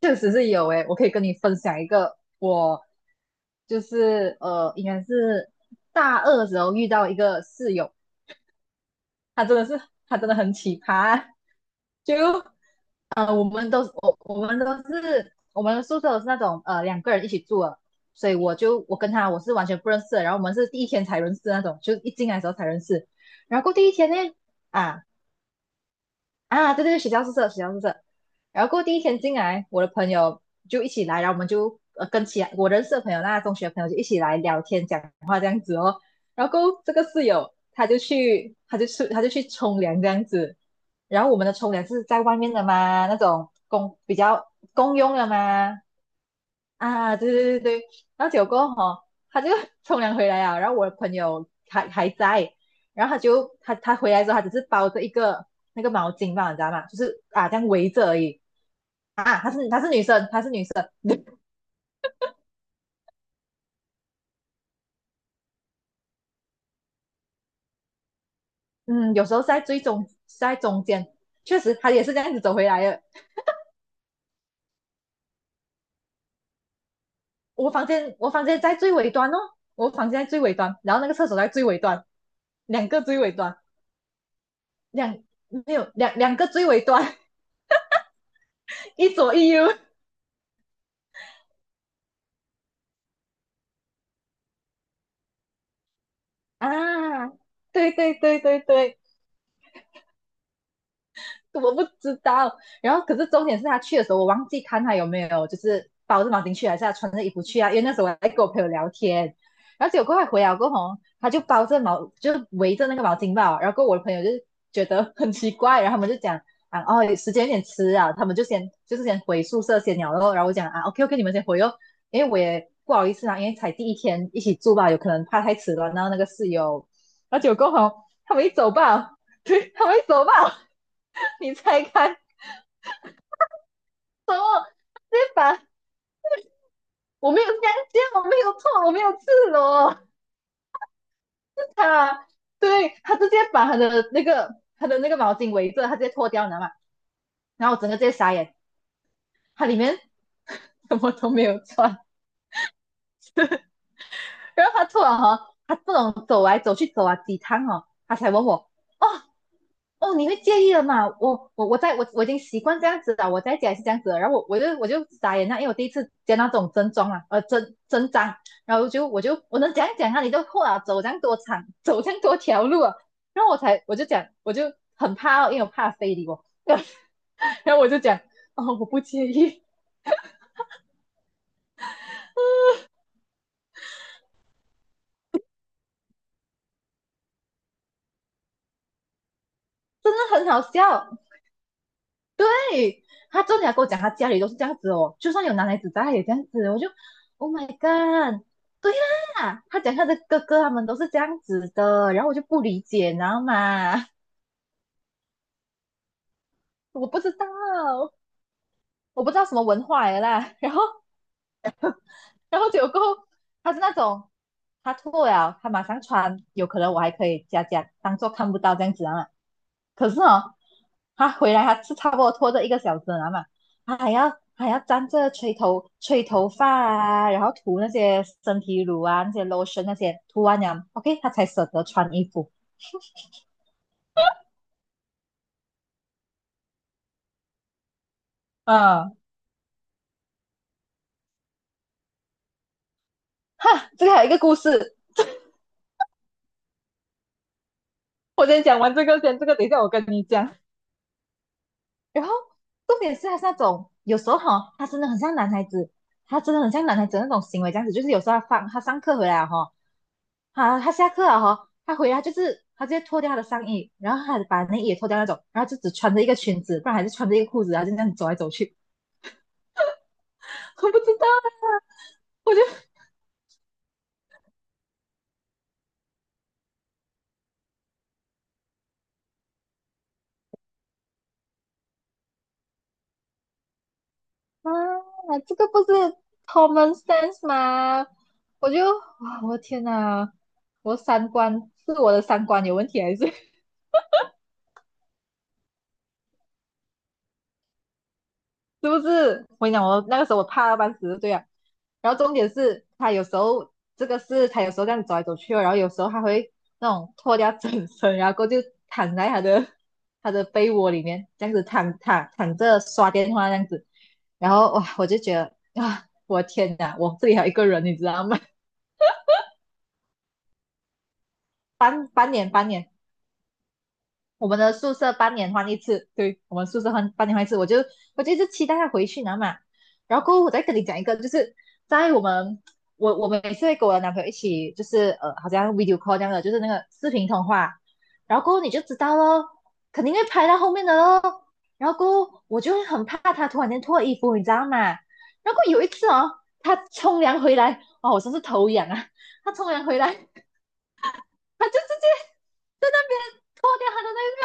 确实是有诶，我可以跟你分享一个。我就是呃，应该是大二的时候遇到一个室友，他真的是他真的很奇葩。就我们都我我们都是我们的宿舍都是那种两个人一起住的，所以我跟他我是完全不认识的，然后我们是第一天才认识的那种，就一进来的时候才认识。然后过第一天呢。啊，啊，对对对，学校宿舍，学校宿舍。然后过后第一天进来，我的朋友就一起来，然后我们就跟其他我认识的朋友，那中学的朋友就一起来聊天、讲话这样子哦。然后过后这个室友他就去冲凉这样子。然后我们的冲凉是在外面的嘛，那种比较公用的嘛。啊，对对对对。然后结果他就 冲凉回来啊，然后我的朋友还在，然后他就他他回来之后，他只是包着一个那个毛巾吧，你知道吗？就是啊，这样围着而已啊。她是她是女生，她是女生。嗯，有时候在中间，确实她也是这样子走回来的。我房间在最尾端哦，我房间在最尾端，然后那个厕所在最尾端，两个最尾端。两没有两两个最尾端，一左一右啊。对对对对对，我不知道。然后可是重点是他去的时候，我忘记看他有没有就是包着毛巾去，还是他穿着衣服去啊？因为那时候我在跟我朋友聊天。然后结果快回来过后哦，他就包着毛，就是围着那个毛巾吧。然后跟我的朋友就觉得很奇怪。然后他们就讲啊，哦，时间有点迟啊，他们就先回宿舍先聊咯。然后我讲啊，OK OK，你们先回哦，因为我也不好意思啊，因为才第一天一起住吧，有可能怕太迟了，然后那个室友。然后结果过后哦他们一走吧，对，他们一走吧。你拆开。然后直接把我没有香蕉，我没有错，我没有赤裸，是他。对，他直接把他的那个毛巾围着，他直接脱掉，你知道吗？然后我整个直接傻眼。他里面 什么都没有穿。然后他突然他这种走来走去走啊几趟哦，他才问我。哦，哦，你会介意了嘛？我我我在我我已经习惯这样子了，我在家也是这样子了。然后我就傻眼了，因为我第一次见到这种真装啊，真章。然后我就我就我能讲讲啊，你都后啊走这样多长，走这样多条路啊。然后我才我就讲我就很怕哦，因为我怕非礼我，然后我就讲哦我不介意。真的很好笑。对，他真的要跟我讲，他家里都是这样子哦，就算有男孩子在，他也这样子。我就，Oh my god！对啦，他讲他的哥哥他们都是这样子的，然后我就不理解，你知道吗？我不知道，我不知道什么文化来的啦。然后，然后结果过后他是那种，他脱了，他马上穿，有可能我还可以假假当做看不到这样子啊。可是哦，他回来他是差不多拖着一个小时了嘛，他还要还要站着吹头发啊，然后涂那些身体乳啊、那些 lotion 那些，涂完了，OK，他才舍得穿衣服。嗯，哈，这个还有一个故事，我先讲完这个先，这个等一下我跟你讲。然后重点是他是那种有时候他真的很像男孩子，他真的很像男孩子那种行为这样子。就是有时候他上课回来好，他下课了他回来就是他直接脱掉他的上衣，然后他把内衣也脱掉那种，然后就只穿着一个裙子，不然还是穿着一个裤子，然后就这样走来走去。我不知道啊，我就啊，这个不是 common sense 吗？我就哇，我的天哪，我的三观有问题还是？是不是？我跟你讲，我那个时候我怕到半死，对啊。然后重点是，他有时候这样走来走去哦，然后有时候他会那种脱掉整身，然后过后就躺在他的被窝里面，这样子躺着刷电话这样子。然后哇，我就觉得啊，我天哪，我这里还有一个人，你知道吗？半年半年，我们的宿舍半年换一次，对我们宿舍换半年换一次。我就一直期待他回去拿嘛。然后过后我再跟你讲一个，就是在我们我我们每次会跟我的男朋友一起，就是好像 video call 这样的，就是那个视频通话。然后过后你就知道咯，肯定会拍到后面的咯。然后过后我就会很怕他突然间脱衣服，你知道吗？然后有一次哦，他冲凉回来，哦，我真是头痒啊！他冲凉回来，他就直接在那边脱掉他的那。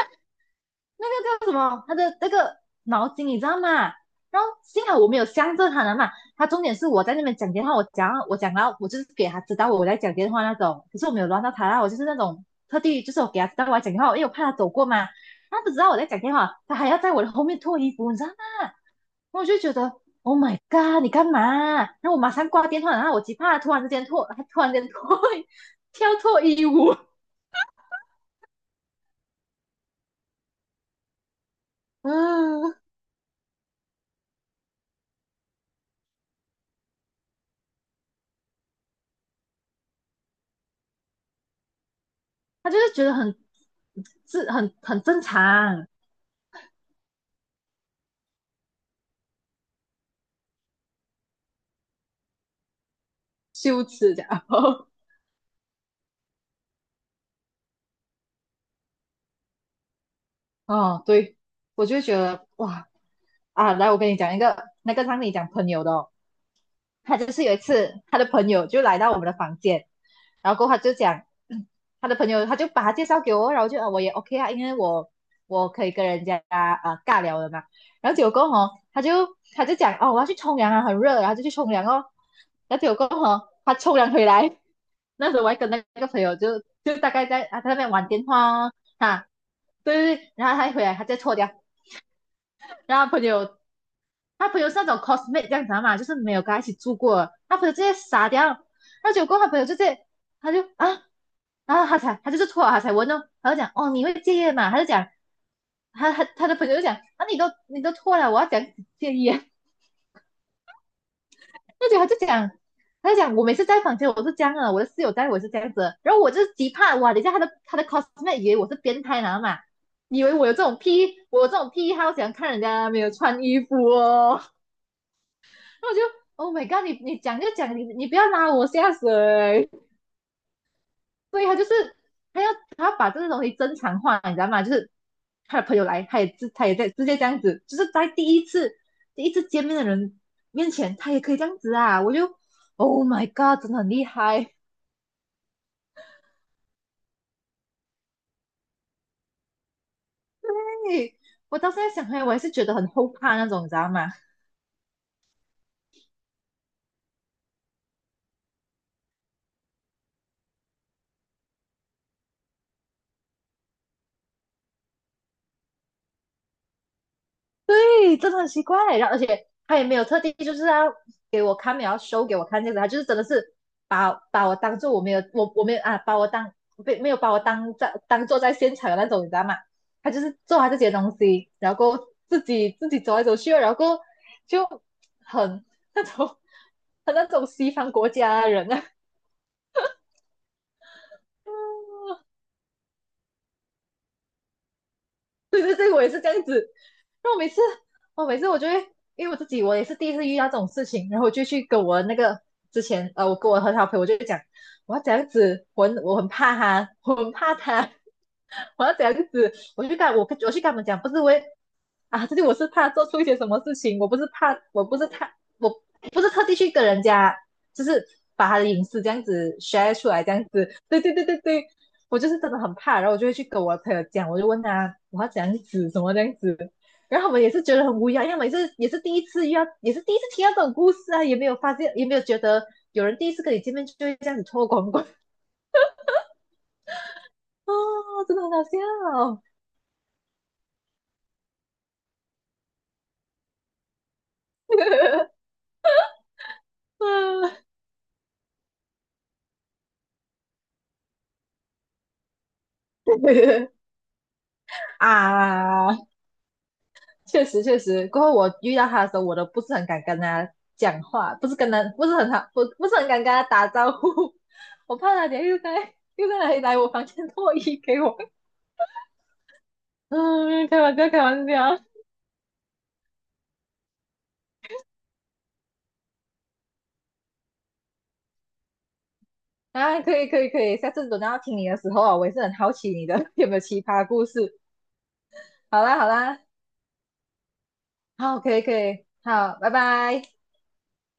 那个叫什么？他的那个毛巾，你知道吗？然后幸好我没有向着他了嘛。他重点是我在那边讲电话，我讲到我就是给他知道我在讲电话那种，可是我没有乱到他啦，我就是那种特地就是我给他知道我在讲电话，因为我怕他走过嘛。他不知道我在讲电话，他还要在我的后面脱衣服，你知道吗？我就觉得 Oh my god，你干嘛？然后我马上挂电话，然后我极怕他突然之间脱，他突然间脱 跳脱衣舞，嗯。他就是觉得很是很正常，羞耻这样。哦，对，我就觉得哇啊，来，我跟你讲一个，那个让你讲朋友的哦，他就是有一次他的朋友就来到我们的房间，然后过后他就讲嗯 他的朋友，他就把他介绍给我，然后就啊我也 OK 啊，因为我可以跟人家啊尬聊的嘛，然后结果过后哦他就讲哦我要去冲凉啊，很热，然后就去冲凉哦，然后结果过后哦他冲凉回来，那时候我还跟那个朋友就大概在在那边玩电话哦哈，对对对，然后他一回来他再错掉，然后朋友他朋友是那种 cosmate 这样子嘛，就是没有跟他一起住过他朋友直接傻掉，那结果他朋友就直接他就啊，然后他就是错了，他才问哦，他就讲哦你会介意嘛，他就讲他的朋友就讲啊你都错了，我要讲戒烟，那就他就讲，他就讲我每次在房间我是这样的，我的室友在我是这样子然后我就是极怕哇，等一下他的 cosmate 以为我是变态男嘛，以为我有这种癖，我有这种癖好，喜欢看人家没有穿衣服哦，然后我就 Oh my god，你讲就讲，你不要拉我下水。对他就是他要他要把这个东西正常化，你知道吗？就是他的朋友来，他也在直接这样子，就是在第一次见面的人面前，他也可以这样子啊！我就 Oh my God，真的很厉害！嘿我到现在想回来我还是觉得很后怕那种，你知道吗？对，真的很奇怪。然后，而且他也没有特地就是要给我看，没有要 show 给我看这样子，他就是真的是把我当做我没有啊，把我当没有把我当在当做在现场的那种，你知道吗？他就是做他自己的东西，然后过后自己走来走去，然后过后就很那种 很那种西方国家的人啊，对对对，我也是这样子。然后每次，我每次我就会，因为我自己我也是第一次遇到这种事情，然后我就去跟我那个之前，我跟我很好的朋友，我就讲，我要这样子，我很怕他，我很怕他，我要这样子，我就跟我去跟他们讲，不是为啊，这里我是怕做出一些什么事情，我不是怕，我不是他，我不是特地去跟人家，就是把他的隐私这样子 share 出来，这样子，对对对对对，我就是真的很怕，然后我就会去跟我朋友讲，我就问他我要怎样子，什么这样子，然后他们也是觉得很无语啊，因为他们也是第一次遇到，也是第一次听到这种故事啊，也没有发现，也没有觉得有人第一次跟你见面就会这样子脱光光啊 真的很好笑 啊，啊确实确实，过后我遇到他的时候，我都不是很敢跟他讲话，不是跟他不是很好，不是很敢跟他打招呼，我怕他等一下又在来我房间脱衣给我看。嗯，开玩笑，开玩笑啊，可以，可以，可以，下次等到要听你的时候啊，我也是很好奇你的 有没有奇葩故事。好啦，好啦，好，可以，可以，好，拜拜。